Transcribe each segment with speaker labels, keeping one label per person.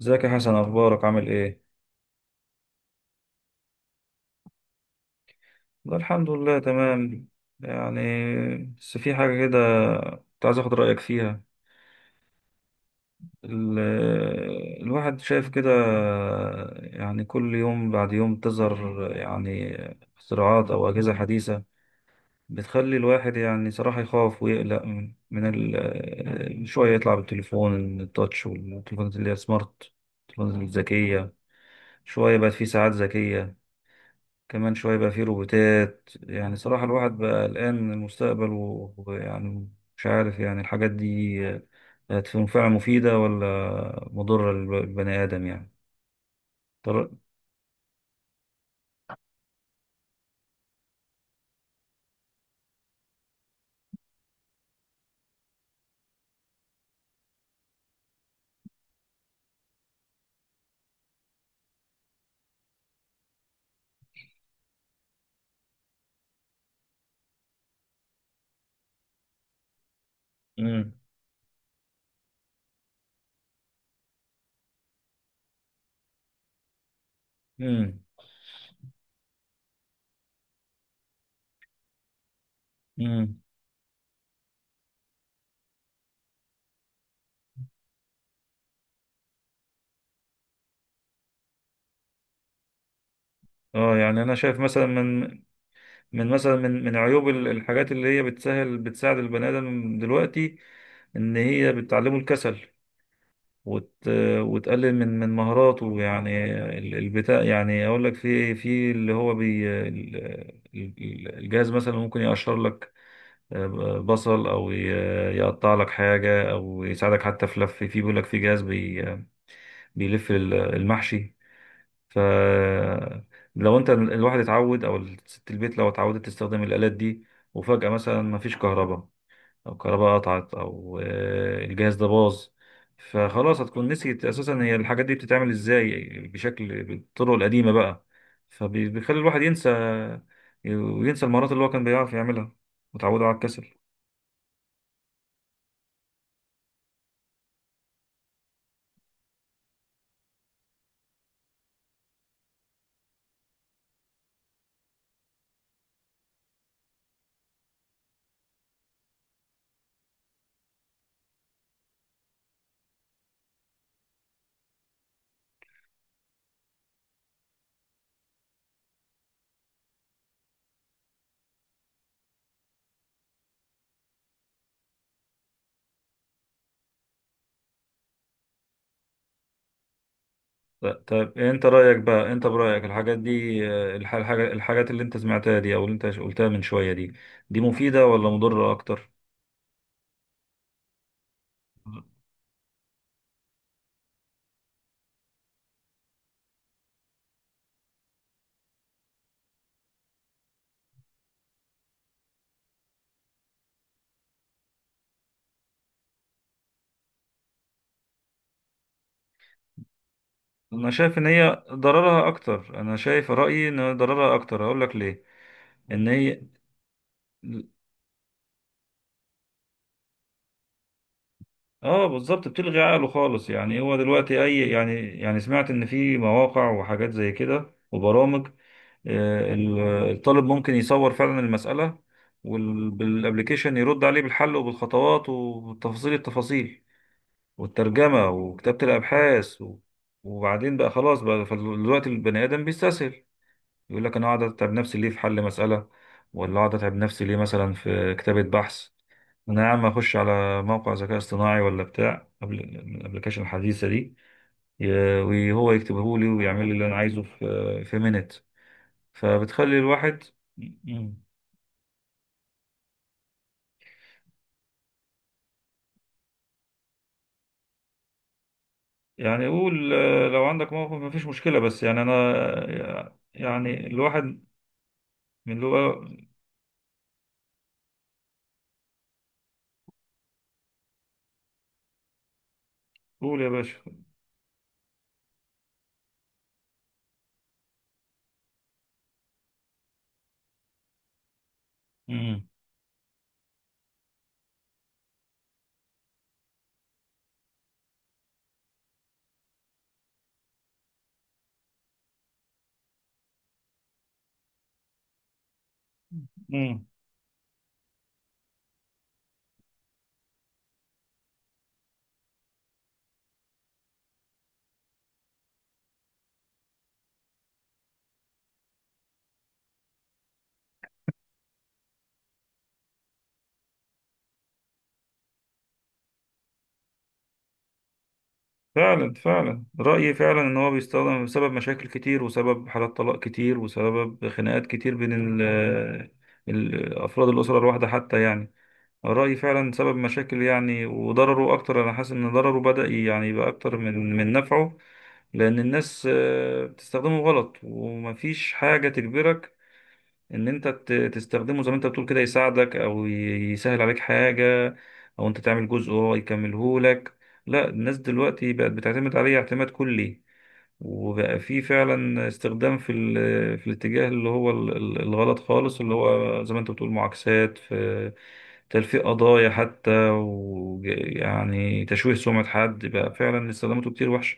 Speaker 1: ازيك يا حسن، اخبارك؟ عامل ايه؟ والله الحمد لله تمام. يعني بس في حاجه كده، كنت عايز اخد رايك فيها. ال- الواحد شايف كده، يعني كل يوم بعد يوم تظهر يعني اختراعات او اجهزه حديثه بتخلي الواحد يعني صراحه يخاف ويقلق من شويه يطلع بالتليفون التاتش، والتليفونات اللي هي سمارت، التليفونات الذكيه، شويه بقت في ساعات ذكيه، كمان شوية يبقى فيه روبوتات. يعني صراحة الواحد بقى قلقان من المستقبل ويعني مش عارف يعني الحاجات دي هتكون فعلا مفيدة ولا مضرة للبني آدم؟ يعني طر... مم. مم. مم. اه، يعني انا شايف مثلا من من عيوب الحاجات اللي هي بتسهل بتساعد البني ادم دلوقتي ان هي بتعلمه الكسل وت... وتقلل من مهاراته. يعني البتاع، يعني اقول لك في اللي هو الجهاز مثلا ممكن يقشر لك بصل، او يقطع لك حاجه، او يساعدك حتى في لف، في بيقول لك في جهاز بيلف المحشي. ف لو انت الواحد اتعود، او ست البيت لو اتعودت تستخدم الالات دي، وفجاه مثلا ما فيش كهرباء، او كهرباء قطعت، او الجهاز ده باظ، فخلاص هتكون نسيت اساسا هي الحاجات دي بتتعمل ازاي بشكل، بالطرق القديمه بقى، فبيخلي الواحد ينسى، وينسى المهارات اللي هو كان بيعرف يعملها، وتعوده على الكسل. طب انت رايك بقى، انت برايك الحاجات دي، آه، الح- الحاجه الحاجات اللي انت سمعتها دي او اللي انت قلتها من شويه دي، دي مفيده ولا مضره اكتر؟ انا شايف ان هي ضررها اكتر، انا شايف رايي ان ضررها اكتر، هقول لك ليه. ان هي اه، بالظبط بتلغي عقله خالص. يعني هو دلوقتي اي يعني، يعني سمعت ان في مواقع وحاجات زي كده وبرامج، آه، ال- الطالب ممكن يصور فعلا المسألة، والابلكيشن يرد عليه بالحل وبالخطوات وتفاصيل التفاصيل والترجمة وكتابة الابحاث وبعدين بقى خلاص بقى دلوقتي البني ادم بيستسهل. يقول لك انا اقعد اتعب نفسي ليه في حل مساله؟ ولا اقعد اتعب نفسي ليه مثلا في كتابه بحث؟ انا يا عم اخش على موقع ذكاء اصطناعي، ولا بتاع قبل الابلكيشن الحديثه دي وهو يكتبه لي ويعمل لي اللي انا عايزه في مينت، فبتخلي الواحد. مم. يعني يقول، لو عندك موقف مفيش مشكله، بس يعني انا يعني الواحد من اللي هو. قول يا باشا. مم. مم. فعلا فعلا، رأيي فعلا إن هو بيستخدم بسبب مشاكل كتير، وسبب حالات طلاق كتير، وسبب خناقات كتير بين ال أفراد الأسرة الواحدة حتى، يعني رأيي فعلا سبب مشاكل، يعني وضرره أكتر. أنا حاسس إن ضرره بدأ يعني يبقى أكتر من نفعه، لأن الناس بتستخدمه غلط، ومفيش حاجة تجبرك ان انت تستخدمه زي ما انت بتقول كده، يساعدك او يسهل عليك حاجة، او انت تعمل جزء وهو يكمله لك. لا، الناس دلوقتي بقت بتعتمد عليه اعتماد كلي، وبقى في فعلا استخدام في الاتجاه اللي هو الغلط خالص، اللي هو زي ما انت بتقول، معاكسات، في تلفيق قضايا حتى، ويعني تشويه سمعة حد. بقى فعلا استخداماته كتير وحشة.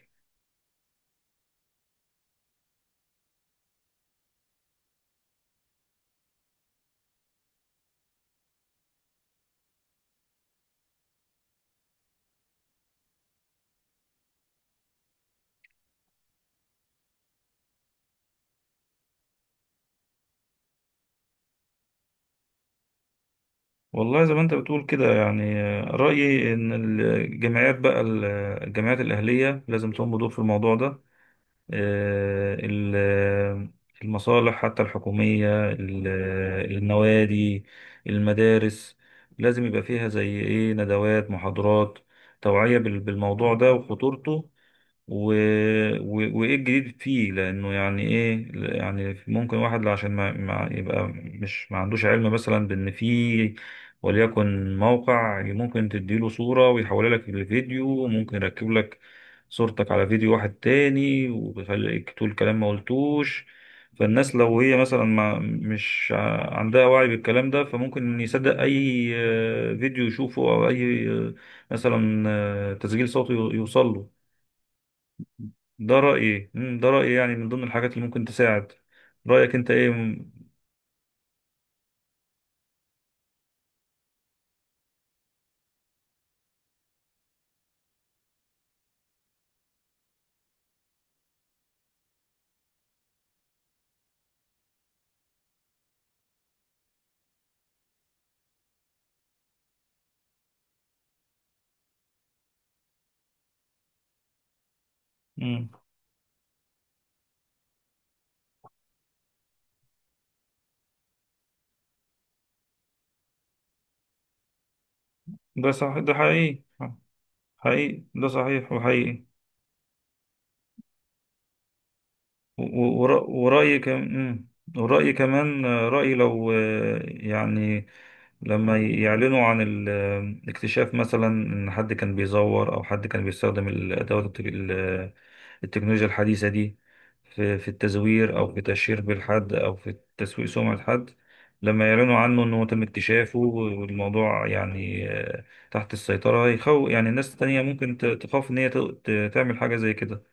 Speaker 1: والله زي ما انت بتقول كده، يعني رأيي ان الجمعيات بقى الجمعيات الأهلية لازم تقوم بدور في الموضوع ده. آه، ال- آه، المصالح حتى الحكومية، النوادي، المدارس، لازم يبقى فيها زي ايه، ندوات، محاضرات، توعية بالموضوع ده وخطورته، و... وايه الجديد فيه، لانه يعني ايه، يعني ممكن واحد عشان ما يبقى مش ما عندوش علم مثلا بان في، وليكن موقع ممكن تديله صورة ويحولها لك لفيديو، ممكن يركب لك صورتك على فيديو واحد تاني ويخليك تقول كلام ما قلتوش. فالناس لو هي مثلا ما مش عندها وعي بالكلام ده، فممكن يصدق اي فيديو يشوفه، او اي مثلا تسجيل صوتي يوصل له. ده رأيي. ده رأيي، يعني من ضمن الحاجات اللي ممكن تساعد. رأيك انت ايه؟ مم. مم. ده صح، ده حقيقي. حقيقي، ده صحيح وحقيقي. ورأيي كمان، ورأيي كمان رأيي لو يعني لما يعلنوا عن الاكتشاف، مثلا ان حد كان بيزور، او حد كان بيستخدم الادوات التكنولوجيا الحديثة دي في في التزوير، او في تشهير بالحد، او في تسويق سمعة حد، لما يعلنوا عنه انه تم اكتشافه والموضوع يعني تحت السيطرة، يعني الناس التانية ممكن تخاف ان هي تعمل حاجة زي كده.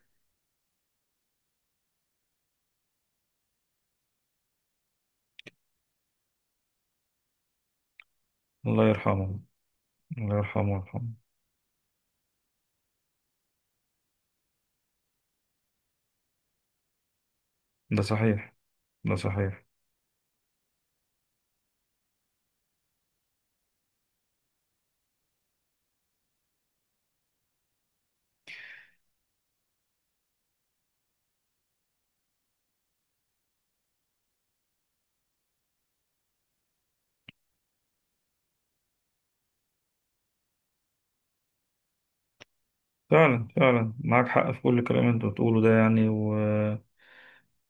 Speaker 1: الله يرحمه. الله يرحمه ويرحمه. ده صحيح. ده صحيح. فعلا فعلا، معاك حق في كل كلام انت بتقوله ده، يعني ويا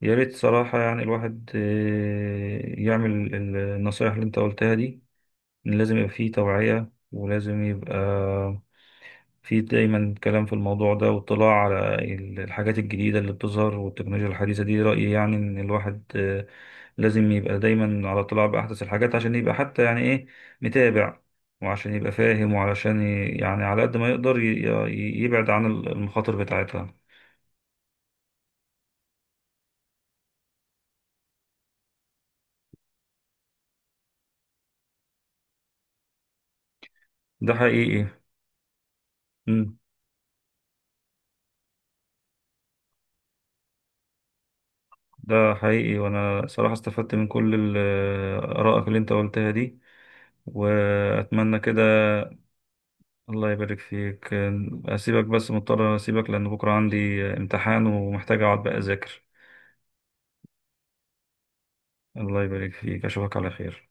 Speaker 1: ريت صراحة يعني الواحد يعمل النصايح اللي انت قلتها دي. إن لازم يبقى فيه توعية، ولازم يبقى في دايما كلام في الموضوع ده، واطلاع على الحاجات الجديدة اللي بتظهر والتكنولوجيا الحديثة دي. رأيي يعني إن الواحد لازم يبقى دايما على اطلاع بأحدث الحاجات، عشان يبقى حتى يعني إيه، متابع، وعشان يبقى فاهم، وعلشان يعني على قد ما يقدر يبعد عن المخاطر بتاعتها. ده حقيقي. مم. ده حقيقي، وأنا صراحة استفدت من كل آرائك اللي أنت قلتها دي، وأتمنى كده. الله يبارك فيك. أسيبك، بس مضطر أسيبك لأن بكرة عندي امتحان ومحتاج أقعد بقى أذاكر. الله يبارك فيك، أشوفك على خير.